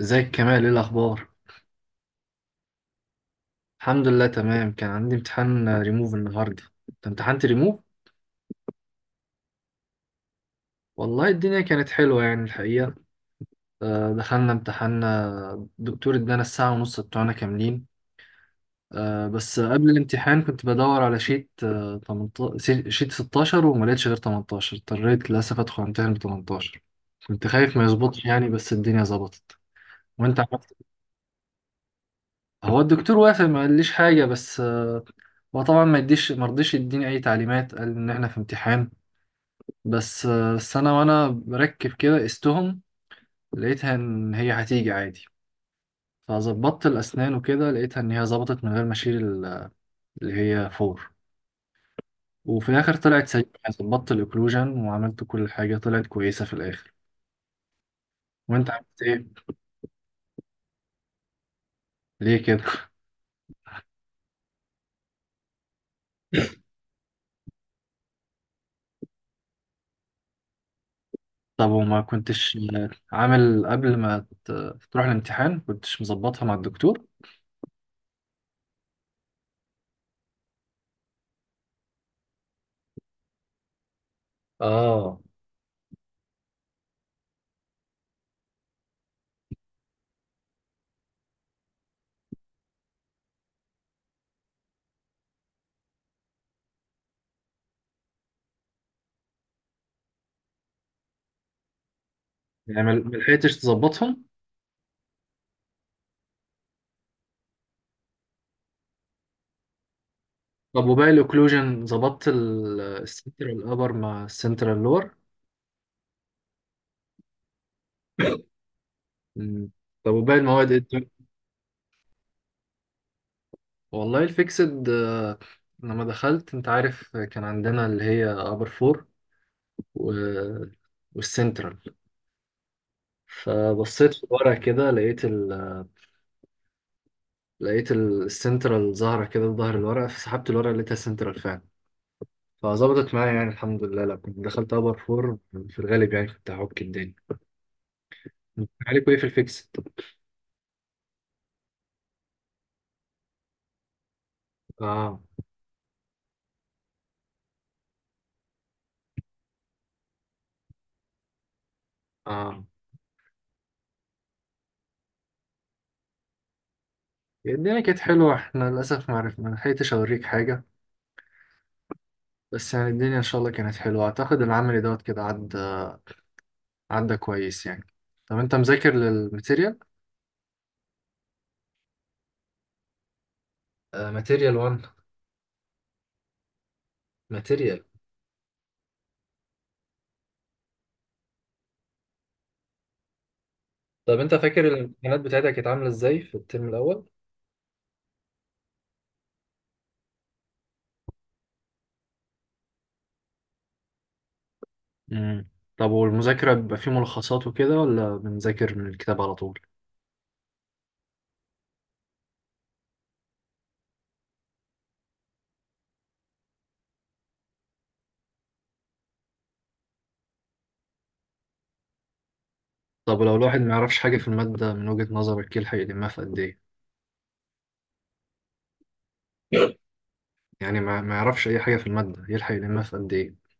ازيك كمال، ايه الاخبار؟ الحمد لله، تمام. كان عندي امتحان ريموف النهارده. انت امتحنت ريموف؟ والله الدنيا كانت حلوه يعني الحقيقه. دخلنا امتحان. دكتور ادانا الساعه ونص بتوعنا كاملين. بس قبل الامتحان كنت بدور على شيت، 18 شيت 16، وما لقيتش غير 18. اضطريت للاسف ادخل امتحان ب 18. كنت خايف ما يظبطش يعني، بس الدنيا ظبطت. وانت عملت إيه؟ هو الدكتور وافق، ما قاليش حاجه، بس هو طبعا ما يديش، ما رضيش يديني اي تعليمات، قال ان احنا في امتحان. بس انا وانا بركب كده قستهم، لقيتها ان هي هتيجي عادي. فظبطت الاسنان وكده، لقيتها ان هي ظبطت من غير ما اشيل اللي هي فور. وفي الاخر طلعت سليمه يعني، ظبطت الاوكلوجن وعملت كل حاجه، طلعت كويسه في الاخر. وانت عملت ايه؟ ليه كده؟ طب، وما كنتش عامل قبل ما تروح الامتحان؟ كنتش مظبطها مع الدكتور؟ اه. يعني ما لحقتش تظبطهم. طب وباقي الاوكلوجن، ظبطت السنترال ابر مع السنترال لور؟ مم. طب وباقي المواد ايه الدنيا؟ والله الفيكسد، لما دخلت انت عارف كان عندنا اللي هي ابر فور و... والسنترال. فبصيت في الورق كده، لقيت لقيت السنترال ظاهرة كده في ظهر الورقة، فسحبت الورقة لقيتها سنترال فعلا. فظبطت معايا يعني الحمد لله، لما كنت دخلت ابر فور في الغالب يعني كنت هعك الدنيا. انت عليكوا ايه في الفيكسد؟ اه، اه. الدنيا كانت حلوة، احنا للأسف ما عرفنا، ما لحقتش أوريك حاجة. بس يعني الدنيا ان شاء الله كانت حلوه، اعتقد العملي دوت كده عدى، عدى كويس يعني. طب انت مذاكر للماتيريال؟ ماتيريال 1. ماتيريال. طب انت فاكر الامتحانات بتاعتك كانت عامله ازاي في الترم الاول؟ امم. طب والمذاكره بيبقى فيه ملخصات وكده، ولا بنذاكر من الكتاب على طول؟ طب لو الواحد ما يعرفش حاجه في الماده، من وجهه نظرك يلحق يلمها في قد ايه؟ يعني ما يعرفش اي حاجه في الماده، يلحق يلمها في قد ايه؟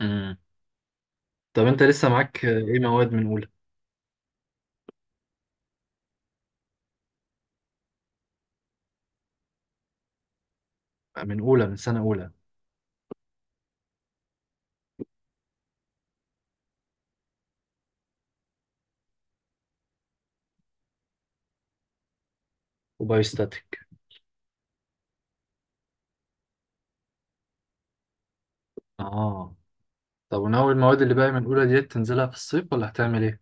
امم. طب انت لسه معاك ايه مواد من اولى؟ من اولى، من سنه اولى؟ وبايوستاتيك؟ اه. طب، وناوي المواد اللي باقي من اولى ديت تنزلها في الصيف، ولا هتعمل ايه؟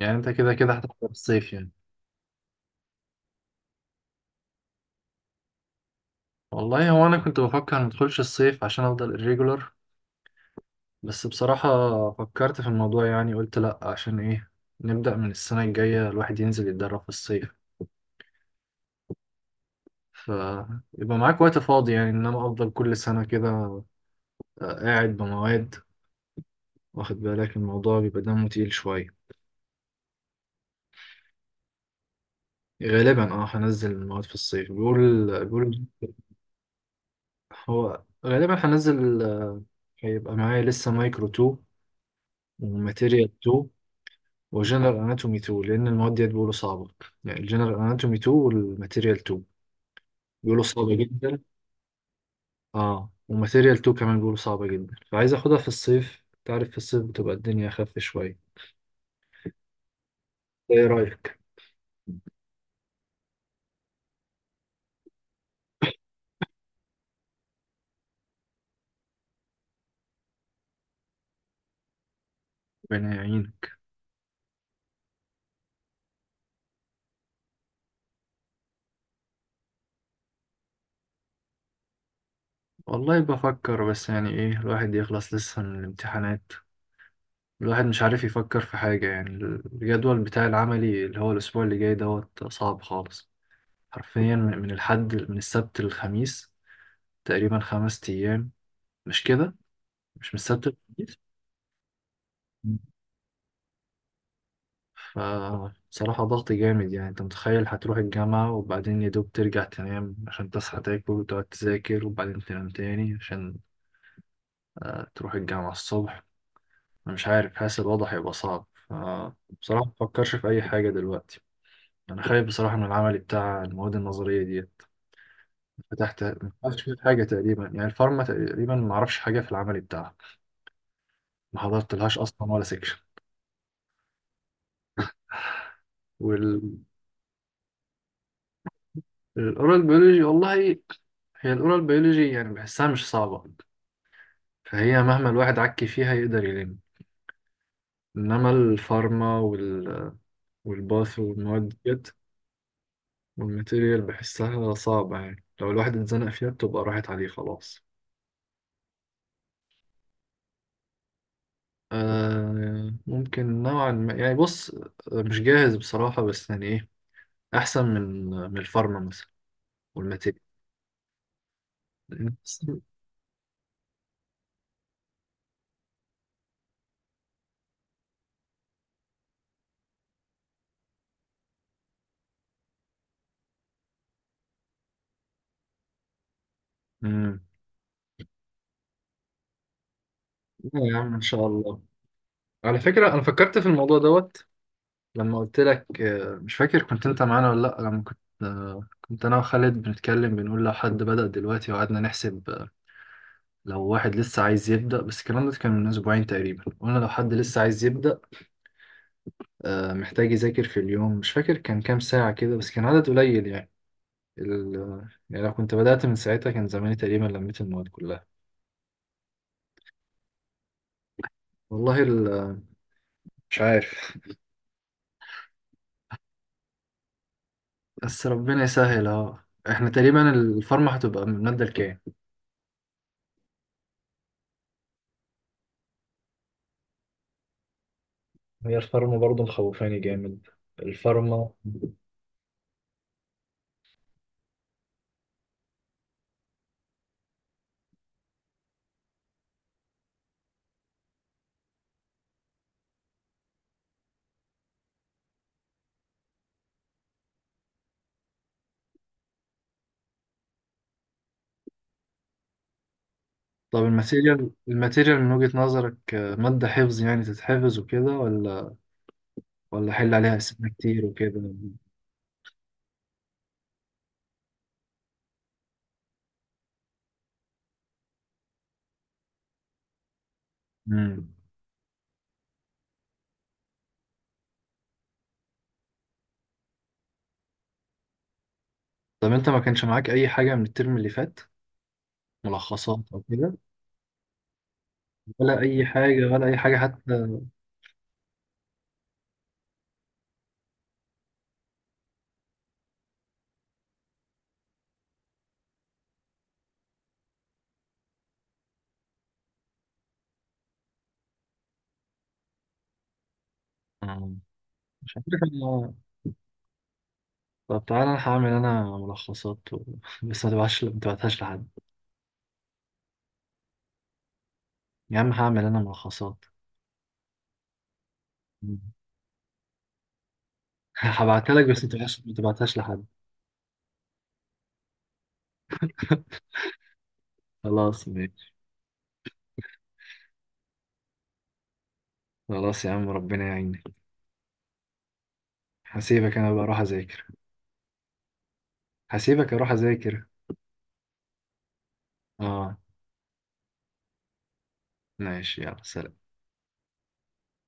يعني انت كده كده هتحضر الصيف يعني. والله هو انا كنت بفكر ما ادخلش الصيف عشان افضل الريجولر. بس بصراحة، فكرت في الموضوع يعني، قلت لا، عشان ايه؟ نبدأ من السنة الجاية، الواحد ينزل يتدرب في الصيف، فيبقى معاك وقت فاضي يعني. انما افضل كل سنة كده، قاعد بمواد، واخد بالك الموضوع بيبقى دمه تقيل شوية. غالبا، اه، هنزل المواد في الصيف، بيقول بيقول. هو غالبا هنزل، هيبقى معايا لسه مايكرو 2 وماتيريال 2 وجنرال اناتومي 2، لان المواد ديت بيقولوا صعبه. يعني الجنرال اناتومي 2 والماتيريال 2 بيقولوا صعبه جدا. اه، وماتيريال 2 كمان بيقولوا صعبه جدا، فعايز اخدها في الصيف. تعرف في الصيف بتبقى الدنيا اخف شويه. ايه رايك؟ ربنا يعينك. والله بفكر، بس يعني ايه، الواحد يخلص لسه من الامتحانات، الواحد مش عارف يفكر في حاجة يعني. الجدول بتاع العملي اللي هو الأسبوع اللي جاي دوت صعب خالص. حرفيا، من الحد، من السبت للخميس، تقريبا 5 أيام. مش كده؟ مش من السبت للخميس؟ فبصراحة ضغط جامد يعني. أنت متخيل هتروح الجامعة، وبعدين يا دوب ترجع تنام، عشان تصحى تاكل وتقعد تذاكر، وبعدين تنام تاني عشان تروح الجامعة الصبح. أنا مش عارف، حاسس الوضع هيبقى صعب، فبصراحة مفكرش في أي حاجة دلوقتي. أنا خايف بصراحة من العمل بتاع المواد النظرية ديت. فتحت، معرفش فيه حاجة تقريبا يعني. الفارما تقريبا معرفش حاجة في العمل بتاعها، ما حضرتلهاش اصلا ولا سكشن. والاورال بيولوجي، والله هي الاورال بيولوجي يعني بحسها مش صعبة، فهي مهما الواحد عكي فيها يقدر يلم. انما الفارما والباث والمواد ديت، والماتيريال بحسها صعبة يعني، لو الواحد اتزنق فيها بتبقى راحت عليه خلاص. ممكن نوعا ما يعني. بص، مش جاهز بصراحة، بس يعني ايه، احسن من الفارما مثلا، والماتيريال. مم. لا يا عم، ان شاء الله. على فكرة أنا فكرت في الموضوع دوت لما قلت لك. مش فاكر كنت أنت معانا ولا لأ. لما كنت أنا وخالد بنتكلم، بنقول لو حد بدأ دلوقتي، وقعدنا نحسب، لو واحد لسه عايز يبدأ. بس الكلام ده كان من أسبوعين تقريبا، قلنا لو حد لسه عايز يبدأ محتاج يذاكر في اليوم، مش فاكر كان كام ساعة كده، بس كان عدد قليل يعني. ال... آه، يعني لو كنت بدأت من ساعتها، كان زماني تقريبا لميت المواد كلها. والله ال... آه، مش عارف. بس ربنا يسهل أهو. احنا تقريبا الفورمة هتبقى من المادة الكام؟ هي الفارما برضه مخوفاني جامد. الفارما. طب الماتيريال من وجهة نظرك، مادة حفظ يعني تتحفظ وكده، ولا حل عليها أسئلة كتير وكده؟ مم. طب أنت ما كانش معاك أي حاجة من الترم اللي فات؟ ملخصات أو كده؟ ولا أي حاجة، ولا أي حاجة حتى؟ آه، مش عارف أنا. طب، تعالى أنا هعمل أنا ملخصات بس ما تبعتهاش لحد. يا عم هعمل أنا ملخصات. مم. هبعتها لك، بس ما تبعتهاش لحد. خلاص. خلاص يا عم، ربنا يعينك. هسيبك انا بقى، اروح اذاكر. هسيبك اروح اذاكر. اه، ماشي، يلا، سلام.